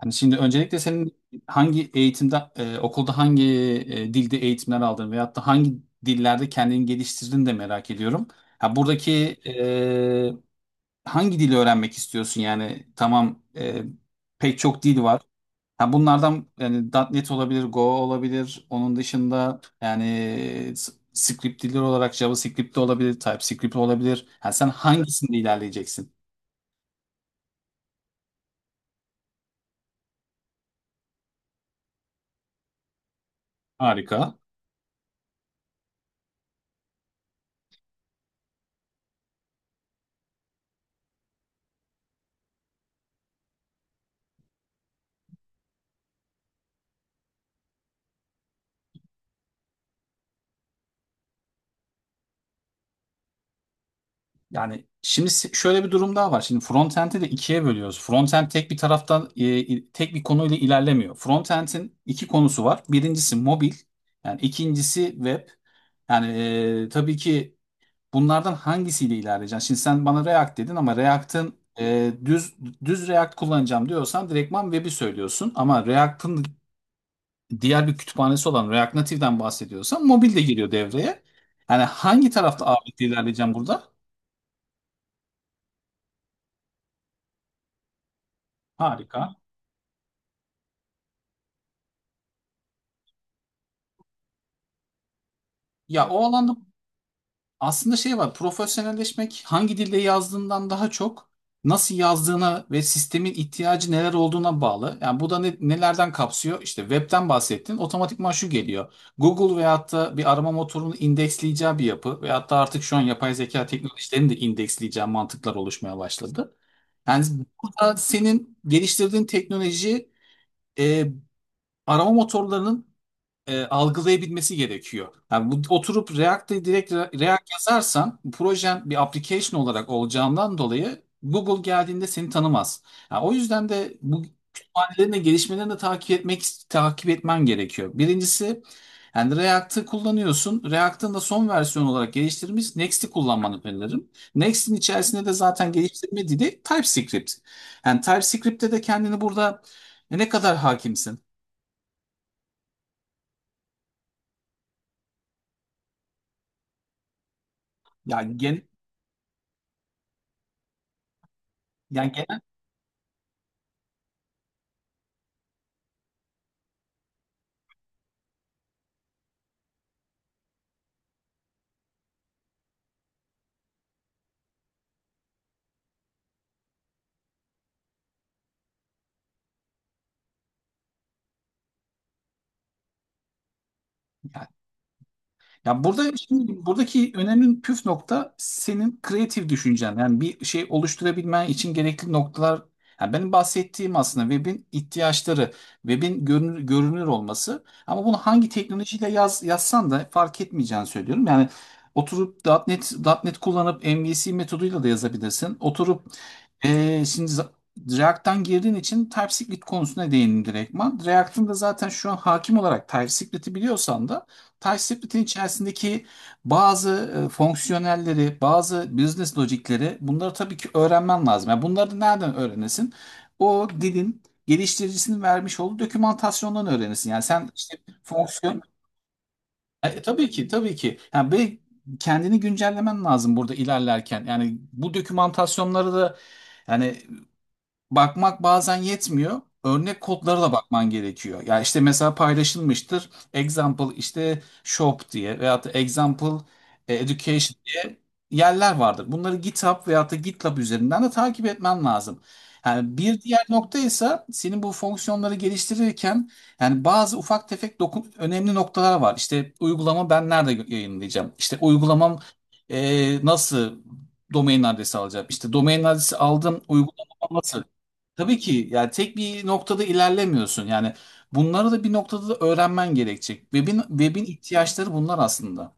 Hani şimdi öncelikle senin hangi eğitimde, okulda hangi dilde eğitimler aldın veyahut da hangi dillerde kendini geliştirdin de merak ediyorum. Ha buradaki e, hangi dili öğrenmek istiyorsun yani? Tamam, pek çok dil var. Ha bunlardan yani .NET olabilir, Go olabilir. Onun dışında yani script dilleri olarak JavaScript de olabilir, TypeScript de olabilir. Ha sen hangisinde ilerleyeceksin? Harika. Yani şimdi şöyle bir durum daha var. Şimdi frontend'i de ikiye bölüyoruz. Frontend tek bir taraftan tek bir konuyla ilerlemiyor. Frontend'in iki konusu var. Birincisi mobil, yani ikincisi web. Yani tabii ki bunlardan hangisiyle ilerleyeceksin? Şimdi sen bana React dedin ama React'ın düz React kullanacağım diyorsan direktman web'i söylüyorsun. Ama React'ın diğer bir kütüphanesi olan React Native'den bahsediyorsan mobil de giriyor devreye. Yani hangi tarafta ağırlıklı ilerleyeceğim burada? Harika. Ya o alanda aslında şey var. Profesyonelleşmek hangi dilde yazdığından daha çok nasıl yazdığına ve sistemin ihtiyacı neler olduğuna bağlı. Yani bu da nelerden kapsıyor? İşte webten bahsettin. Otomatikman şu geliyor. Google veyahut da bir arama motorunu indeksleyeceği bir yapı veyahut da artık şu an yapay zeka teknolojilerinin de indeksleyeceği mantıklar oluşmaya başladı. Yani burada senin geliştirdiğin teknoloji e, arama motorlarının algılayabilmesi gerekiyor. Yani bu, oturup React'te direkt React yazarsan projen bir application olarak olacağından dolayı Google geldiğinde seni tanımaz. Yani o yüzden de bu kütüphanelerin de gelişmelerini de takip etmen gerekiyor. Birincisi yani React'ı kullanıyorsun. React'ın da son versiyon olarak geliştirilmiş Next'i kullanmanı öneririm. Next'in içerisinde de zaten geliştirme dili TypeScript. Yani TypeScript'te de kendini burada ne kadar hakimsin? Yani gen, yani genel ya burada şimdi buradaki önemli püf nokta senin kreatif düşüncen. Yani bir şey oluşturabilmen için gerekli noktalar. Yani benim bahsettiğim aslında webin ihtiyaçları, webin görünür olması. Ama bunu hangi teknolojiyle yazsan da fark etmeyeceğini söylüyorum. Yani oturup .nokta .NET, .nokta .NET kullanıp MVC metoduyla da yazabilirsin. Oturup ee, şimdi za- React'tan girdiğin için TypeScript konusuna değindim direktman. React'ın da zaten şu an hakim olarak TypeScript'i biliyorsan da Touch Split'in içerisindeki bazı fonksiyonelleri, bazı business logikleri bunları tabii ki öğrenmen lazım. Yani bunları da nereden öğrenesin? O dilin geliştiricisinin vermiş olduğu dokümantasyondan öğrenesin. Yani sen işte fonksiyon... tabii ki, tabii ki. Yani kendini güncellemen lazım burada ilerlerken. Yani bu dokümantasyonları da yani bakmak bazen yetmiyor. Örnek kodlara da bakman gerekiyor. Ya işte mesela paylaşılmıştır. Example işte shop diye veyahut da example education diye yerler vardır. Bunları GitHub veyahut da GitLab üzerinden de takip etmen lazım. Yani bir diğer nokta ise senin bu fonksiyonları geliştirirken yani bazı ufak tefek dokun önemli noktalar var. İşte uygulama ben nerede yayınlayacağım? İşte uygulamam nasıl domain adresi alacağım? İşte domain adresi aldım uygulama nasıl? Tabii ki yani tek bir noktada ilerlemiyorsun. Yani bunları da bir noktada da öğrenmen gerekecek. Web'in ihtiyaçları bunlar aslında.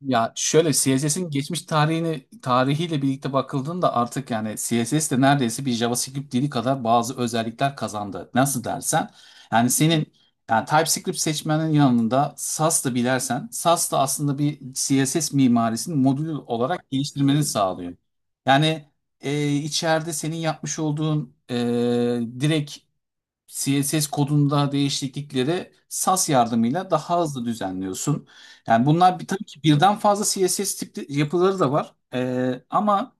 Ya şöyle CSS'in geçmiş tarihini tarihiyle birlikte bakıldığında artık yani CSS de neredeyse bir JavaScript dili kadar bazı özellikler kazandı. Nasıl dersen yani senin yani TypeScript seçmenin yanında Sass da bilersen Sass da aslında bir CSS mimarisini modül olarak geliştirmeni sağlıyor. Yani içeride senin yapmış olduğun direkt CSS kodunda değişiklikleri SAS yardımıyla daha hızlı düzenliyorsun. Yani bunlar bir, tabii ki birden fazla CSS tipli yapıları da var. Ama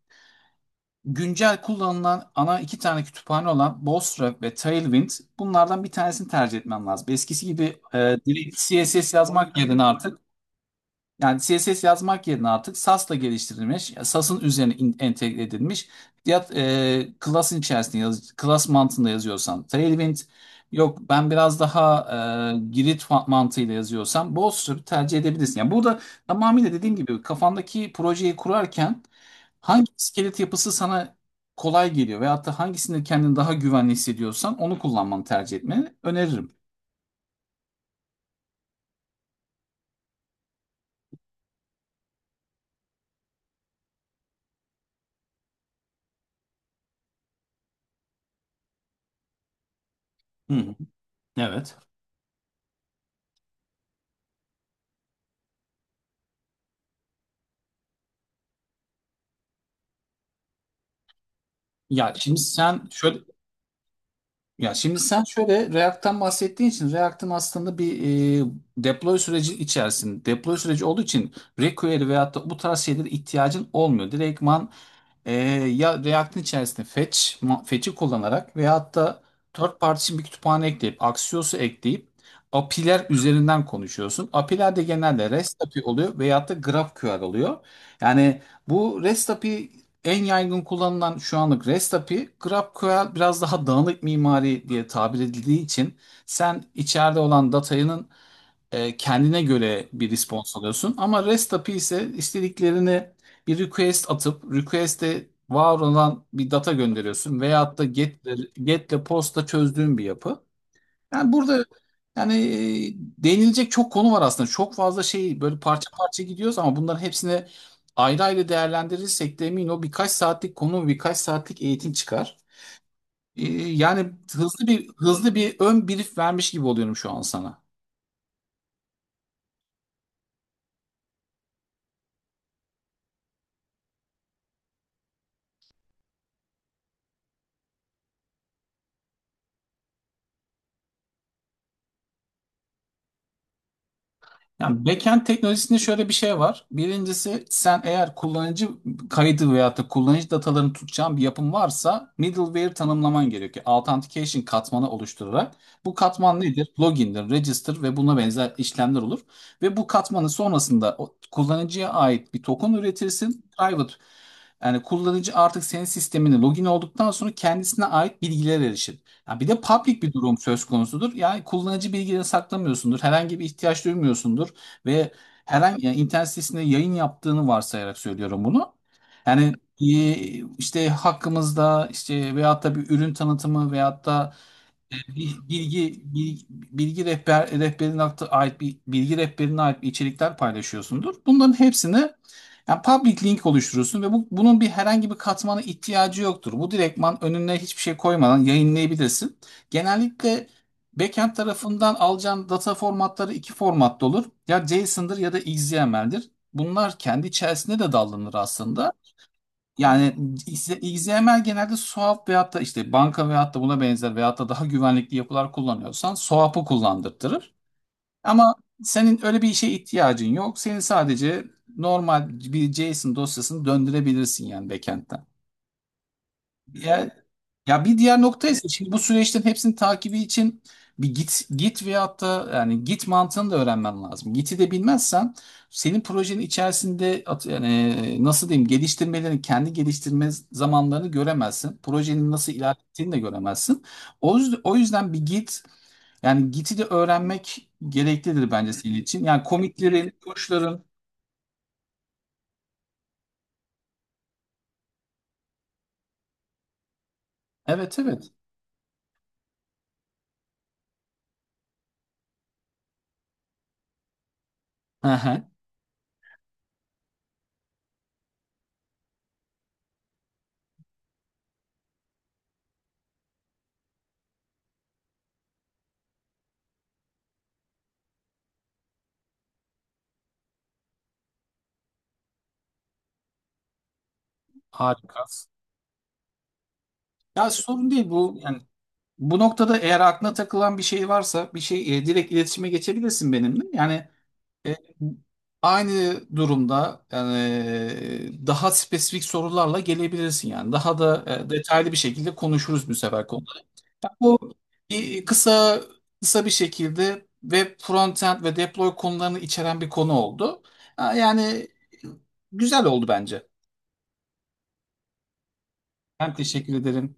güncel kullanılan ana iki tane kütüphane olan Bootstrap ve Tailwind bunlardan bir tanesini tercih etmem lazım. Eskisi gibi direkt CSS yazmak yerine artık yani CSS yazmak yerine artık Sass'la geliştirilmiş, Sass'ın üzerine entegre edilmiş ya class'ın içerisinde class mantığında yazıyorsam Tailwind, yok ben biraz daha Grid mantığıyla yazıyorsam Bootstrap tercih edebilirsin. Yani burada tamamıyla dediğim gibi kafandaki projeyi kurarken hangi iskelet yapısı sana kolay geliyor veyahut da hangisinde kendini daha güvenli hissediyorsan onu kullanmanı tercih etmeni öneririm. Hı hı. Evet. Ya şimdi sen şöyle Ya şimdi sen şöyle React'tan bahsettiğin için React'ın aslında bir e, deploy süreci olduğu için jQuery veyahut da bu tarz şeylere ihtiyacın olmuyor. Direktman ee, ya React'in içerisinde fetch'i kullanarak veya hatta third party için bir kütüphane ekleyip, Axios'u ekleyip API'ler üzerinden konuşuyorsun. API'ler de genelde REST API oluyor veyahut da GraphQL oluyor. Yani bu REST API en yaygın kullanılan şu anlık REST API, GraphQL biraz daha dağınık mimari diye tabir edildiği için sen içeride olan datanın kendine göre bir response alıyorsun. Ama REST API ise istediklerini bir request atıp request'e var olan bir data gönderiyorsun veyahut da get'le post'la çözdüğün bir yapı. Yani burada yani değinilecek çok konu var aslında. Çok fazla şey böyle parça parça gidiyoruz ama bunların hepsini ayrı ayrı değerlendirirsek de emin ol birkaç saatlik konu, birkaç saatlik eğitim çıkar. Yani hızlı bir ön brief vermiş gibi oluyorum şu an sana. Yani backend teknolojisinde şöyle bir şey var. Birincisi sen eğer kullanıcı kaydı veyahut da kullanıcı datalarını tutacağın bir yapım varsa middleware tanımlaman gerekiyor. Authentication katmanı oluşturarak. Bu katman nedir? Login'dir, register ve buna benzer işlemler olur. Ve bu katmanın sonrasında o kullanıcıya ait bir token üretirsin. Private yani kullanıcı artık senin sistemine login olduktan sonra kendisine ait bilgilere erişir. Ya bir de public bir durum söz konusudur. Yani kullanıcı bilgilerini saklamıyorsundur. Herhangi bir ihtiyaç duymuyorsundur. Ve herhangi yani internet sitesinde yayın yaptığını varsayarak söylüyorum bunu. Yani işte hakkımızda işte veyahut da bir ürün tanıtımı veyahut da Bil- bilgi bilgi, bilgi rehber rehberine ait bilgi rehberine ait bir içerikler paylaşıyorsundur. Bunların hepsini yani public link oluşturursun ve bunun bir herhangi bir katmana ihtiyacı yoktur. Bu direktman önüne hiçbir şey koymadan yayınlayabilirsin. Genellikle backend tarafından alacağın data formatları iki formatta olur. Ya JSON'dır ya da XML'dir. Bunlar kendi içerisinde de dallanır aslında. Yani XML genelde SOAP veyahut da işte banka veyahut da buna benzer veyahut da daha güvenlikli yapılar kullanıyorsan SOAP'ı kullandırtırır. Ama senin öyle bir işe ihtiyacın yok. Senin sadece normal bir JSON dosyasını döndürebilirsin yani backend'den. Ya, ya bir diğer nokta ise şimdi bu süreçlerin hepsinin takibi için bir git veyahut da yani git mantığını da öğrenmen lazım. Git'i de bilmezsen senin projenin içerisinde yani nasıl diyeyim geliştirmelerini kendi geliştirme zamanlarını göremezsin. Projenin nasıl ilerlettiğini de göremezsin. O yüzden bir git yani git'i de öğrenmek gereklidir bence senin için. Yani komitlerin, koçların evet, evet. Hı hı. Harika. Ya sorun değil bu. Yani bu noktada eğer aklına takılan bir şey varsa direkt iletişime geçebilirsin benimle. Yani e, aynı durumda yani daha spesifik sorularla gelebilirsin yani. Daha da detaylı bir şekilde konuşuruz bu sefer konuları. Yani bu e, kısa kısa bir şekilde web frontend ve deploy konularını içeren bir konu oldu. Ha, yani güzel oldu bence. Ben teşekkür ederim.